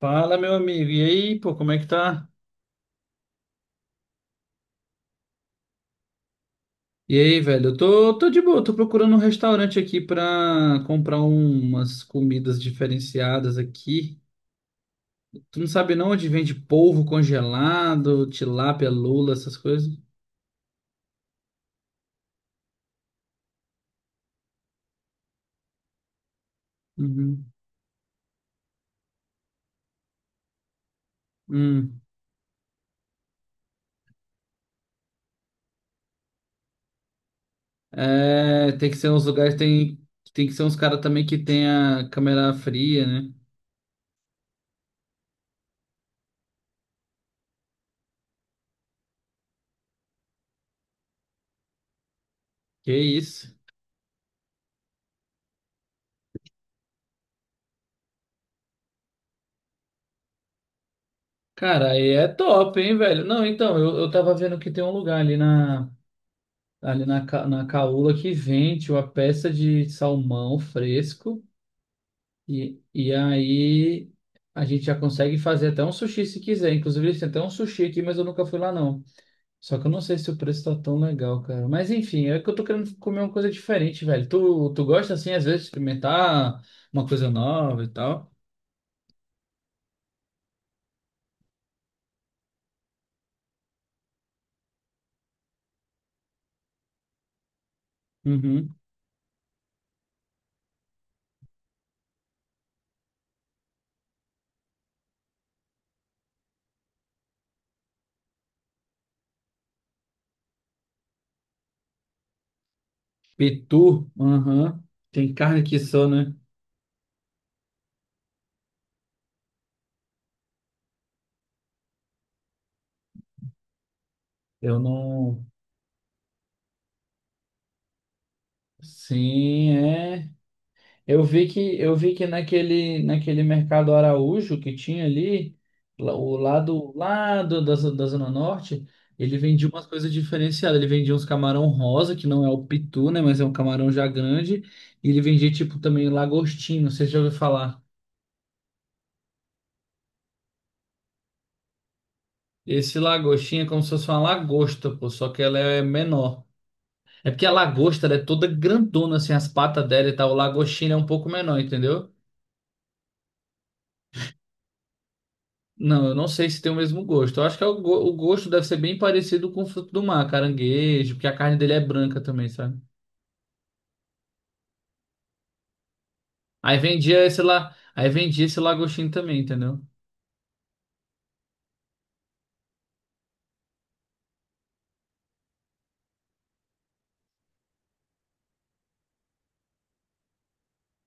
Fala, meu amigo. E aí, pô, como é que tá? E aí, velho? Eu tô de boa, tô procurando um restaurante aqui pra comprar umas comidas diferenciadas aqui. Tu não sabe não onde vende polvo congelado, tilápia, lula, essas coisas? Uhum. Hum. É, tem que ser uns lugares, tem, tem que ser uns caras também que tenha câmera fria, né? Que isso. Cara, aí é top, hein, velho? Não, então, eu tava vendo que tem um lugar ali na. Na caula que vende uma peça de salmão fresco e aí a gente já consegue fazer até um sushi se quiser. Inclusive, eles têm até um sushi aqui, mas eu nunca fui lá, não. Só que eu não sei se o preço tá tão legal, cara. Mas enfim, é que eu tô querendo comer uma coisa diferente, velho. Tu gosta, assim, às vezes, de experimentar uma coisa nova e tal? Uhum. Petu? Aham. Tem carne aqui só, né? Eu não... Sim, é. Eu vi que naquele mercado Araújo que tinha ali, o lado lá da Zona Norte, ele vendia umas coisas diferenciadas. Ele vendia uns camarão rosa, que não é o pitu, né, mas é um camarão já grande, e ele vendia tipo também lagostinho, não sei se já ouviu falar. Esse lagostinho é como se fosse uma lagosta, pô, só que ela é menor. É porque a lagosta ela é toda grandona assim, as patas dela e tal, o lagostinho é um pouco menor, entendeu? Não, eu não sei se tem o mesmo gosto. Eu acho que é o gosto deve ser bem parecido com o fruto do mar, caranguejo, porque a carne dele é branca também, sabe? Aí vendia esse lá, aí vendia esse lagostinho também, entendeu?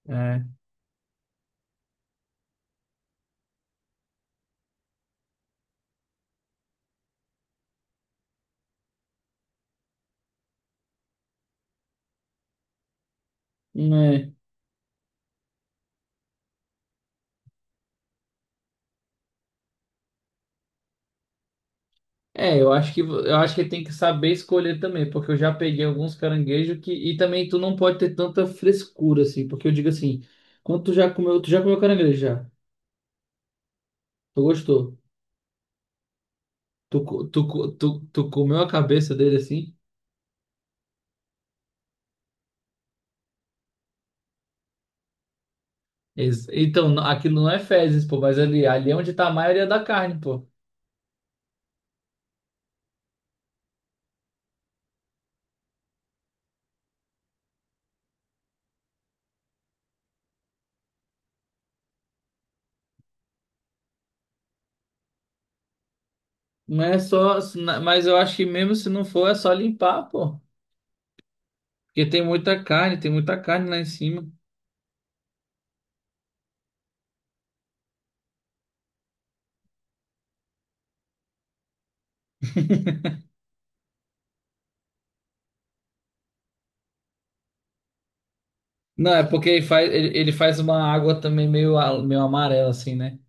É. É, É, eu acho que tem que saber escolher também, porque eu já peguei alguns caranguejos que e também tu não pode ter tanta frescura assim, porque eu digo assim, quando tu já comeu caranguejo já? Tu gostou? Tu comeu a cabeça dele assim? Então, aquilo não é fezes, pô, mas ali, ali é onde tá a maioria da carne, pô. Não é só, mas eu acho que mesmo se não for, é só limpar, pô. Porque tem muita carne lá em cima. Não, é porque ele faz uma água também meio amarela, assim, né?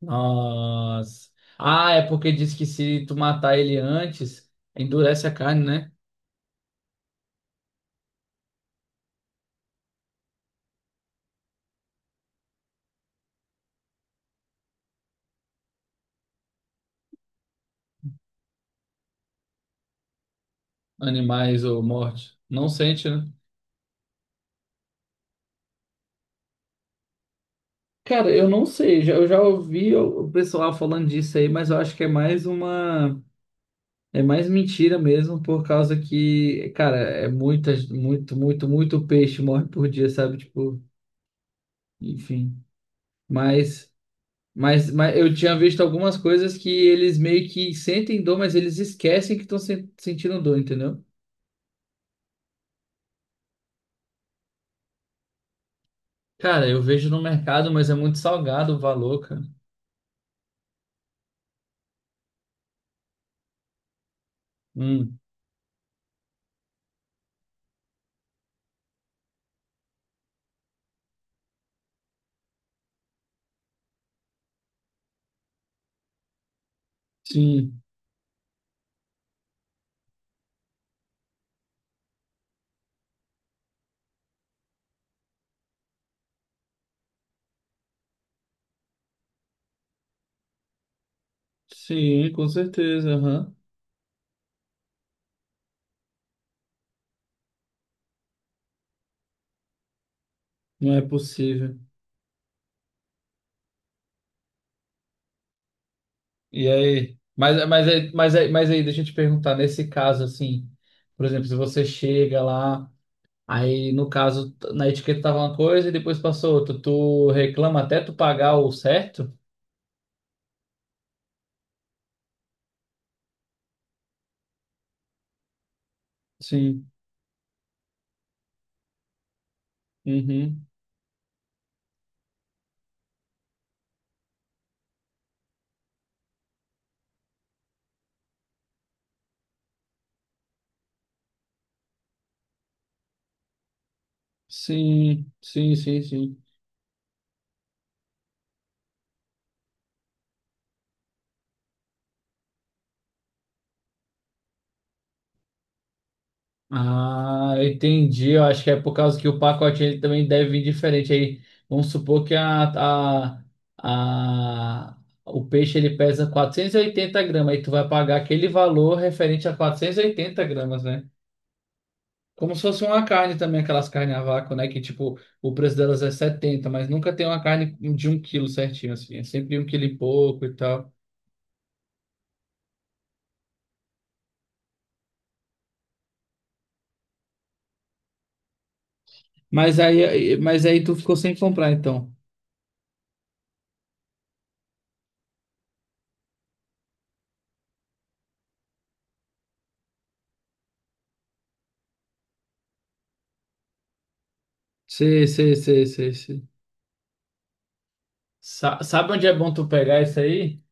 Nossa. Ah, é porque diz que se tu matar ele antes, endurece a carne, né? Animais ou morte. Não sente, né? Cara, eu não sei, eu já ouvi o pessoal falando disso aí, mas eu acho que é mais uma. É mais mentira mesmo, por causa que, cara, é muita, muito, muito, muito peixe morre por dia, sabe? Tipo, enfim. Mas, mas eu tinha visto algumas coisas que eles meio que sentem dor, mas eles esquecem que estão sentindo dor, entendeu? Cara, eu vejo no mercado, mas é muito salgado o valor, cara. Hum, sim, sim, com certeza, aham. Não é possível. E aí? Mas aí, deixa eu te perguntar, nesse caso, assim, por exemplo, se você chega lá. Aí, no caso, na etiqueta tava uma coisa e depois passou outra. Tu reclama até tu pagar o certo? Sim, uhum. Sim, sim, sim, sim. Ah, eu entendi. Eu acho que é por causa que o pacote ele também deve vir diferente. Aí, vamos supor que a, o peixe ele pesa 480 gramas. Aí tu vai pagar aquele valor referente a 480 gramas, né? Como se fosse uma carne também, aquelas carnes a vácuo, né? Que tipo, o preço delas é 70, mas nunca tem uma carne de um quilo certinho, assim. É sempre um quilo e pouco e tal. Mas aí tu ficou sem comprar, então. Sei, sei, sei, sei, sei. Sabe onde é bom tu pegar isso aí?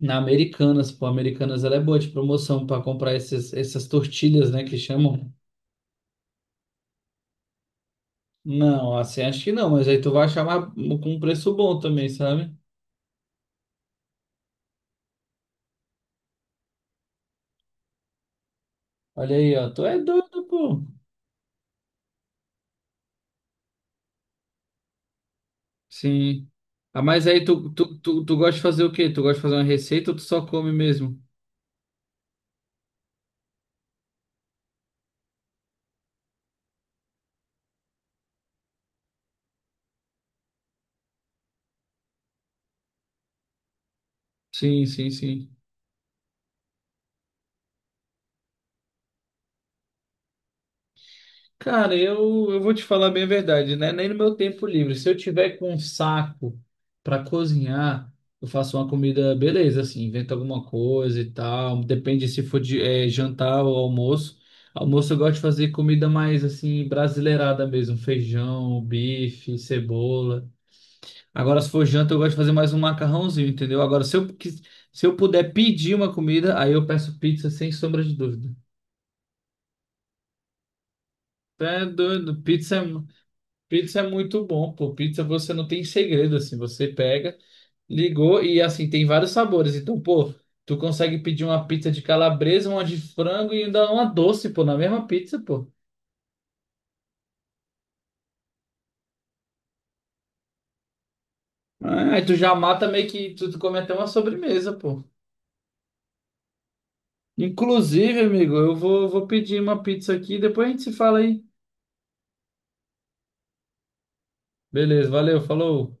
Na Americanas, pô. Americanas, ela é boa de promoção pra comprar esses, essas tortilhas, né? Que chamam. Não, assim, acho que não, mas aí tu vai achar mais- com um preço bom também, sabe? Olha aí, ó. Tu é doido, pô. Sim. Ah, mas aí tu gosta de fazer o quê? Tu gosta de fazer uma receita ou tu só come mesmo? Sim, sim, sim. Cara, eu vou te falar bem a verdade, né? Nem no meu tempo livre. Se eu tiver com um saco para cozinhar, eu faço uma comida, beleza, assim, invento alguma coisa e tal. Depende se for de, jantar ou almoço. Almoço eu gosto de fazer comida mais assim, brasileirada mesmo, feijão, bife, cebola. Agora, se for janta, eu gosto de fazer mais um macarrãozinho, entendeu? Agora, se eu puder pedir uma comida, aí eu peço pizza sem sombra de dúvida. É doido, pizza é muito bom, pô. Pizza você não tem segredo, assim. Você pega, ligou e, assim, tem vários sabores. Então, pô, tu consegue pedir uma pizza de calabresa, uma de frango e ainda uma doce, pô, na mesma pizza, pô. Ah, aí tu já mata meio que tu come até uma sobremesa, pô. Inclusive, amigo, eu vou pedir uma pizza aqui, depois a gente se fala aí. Beleza, valeu, falou.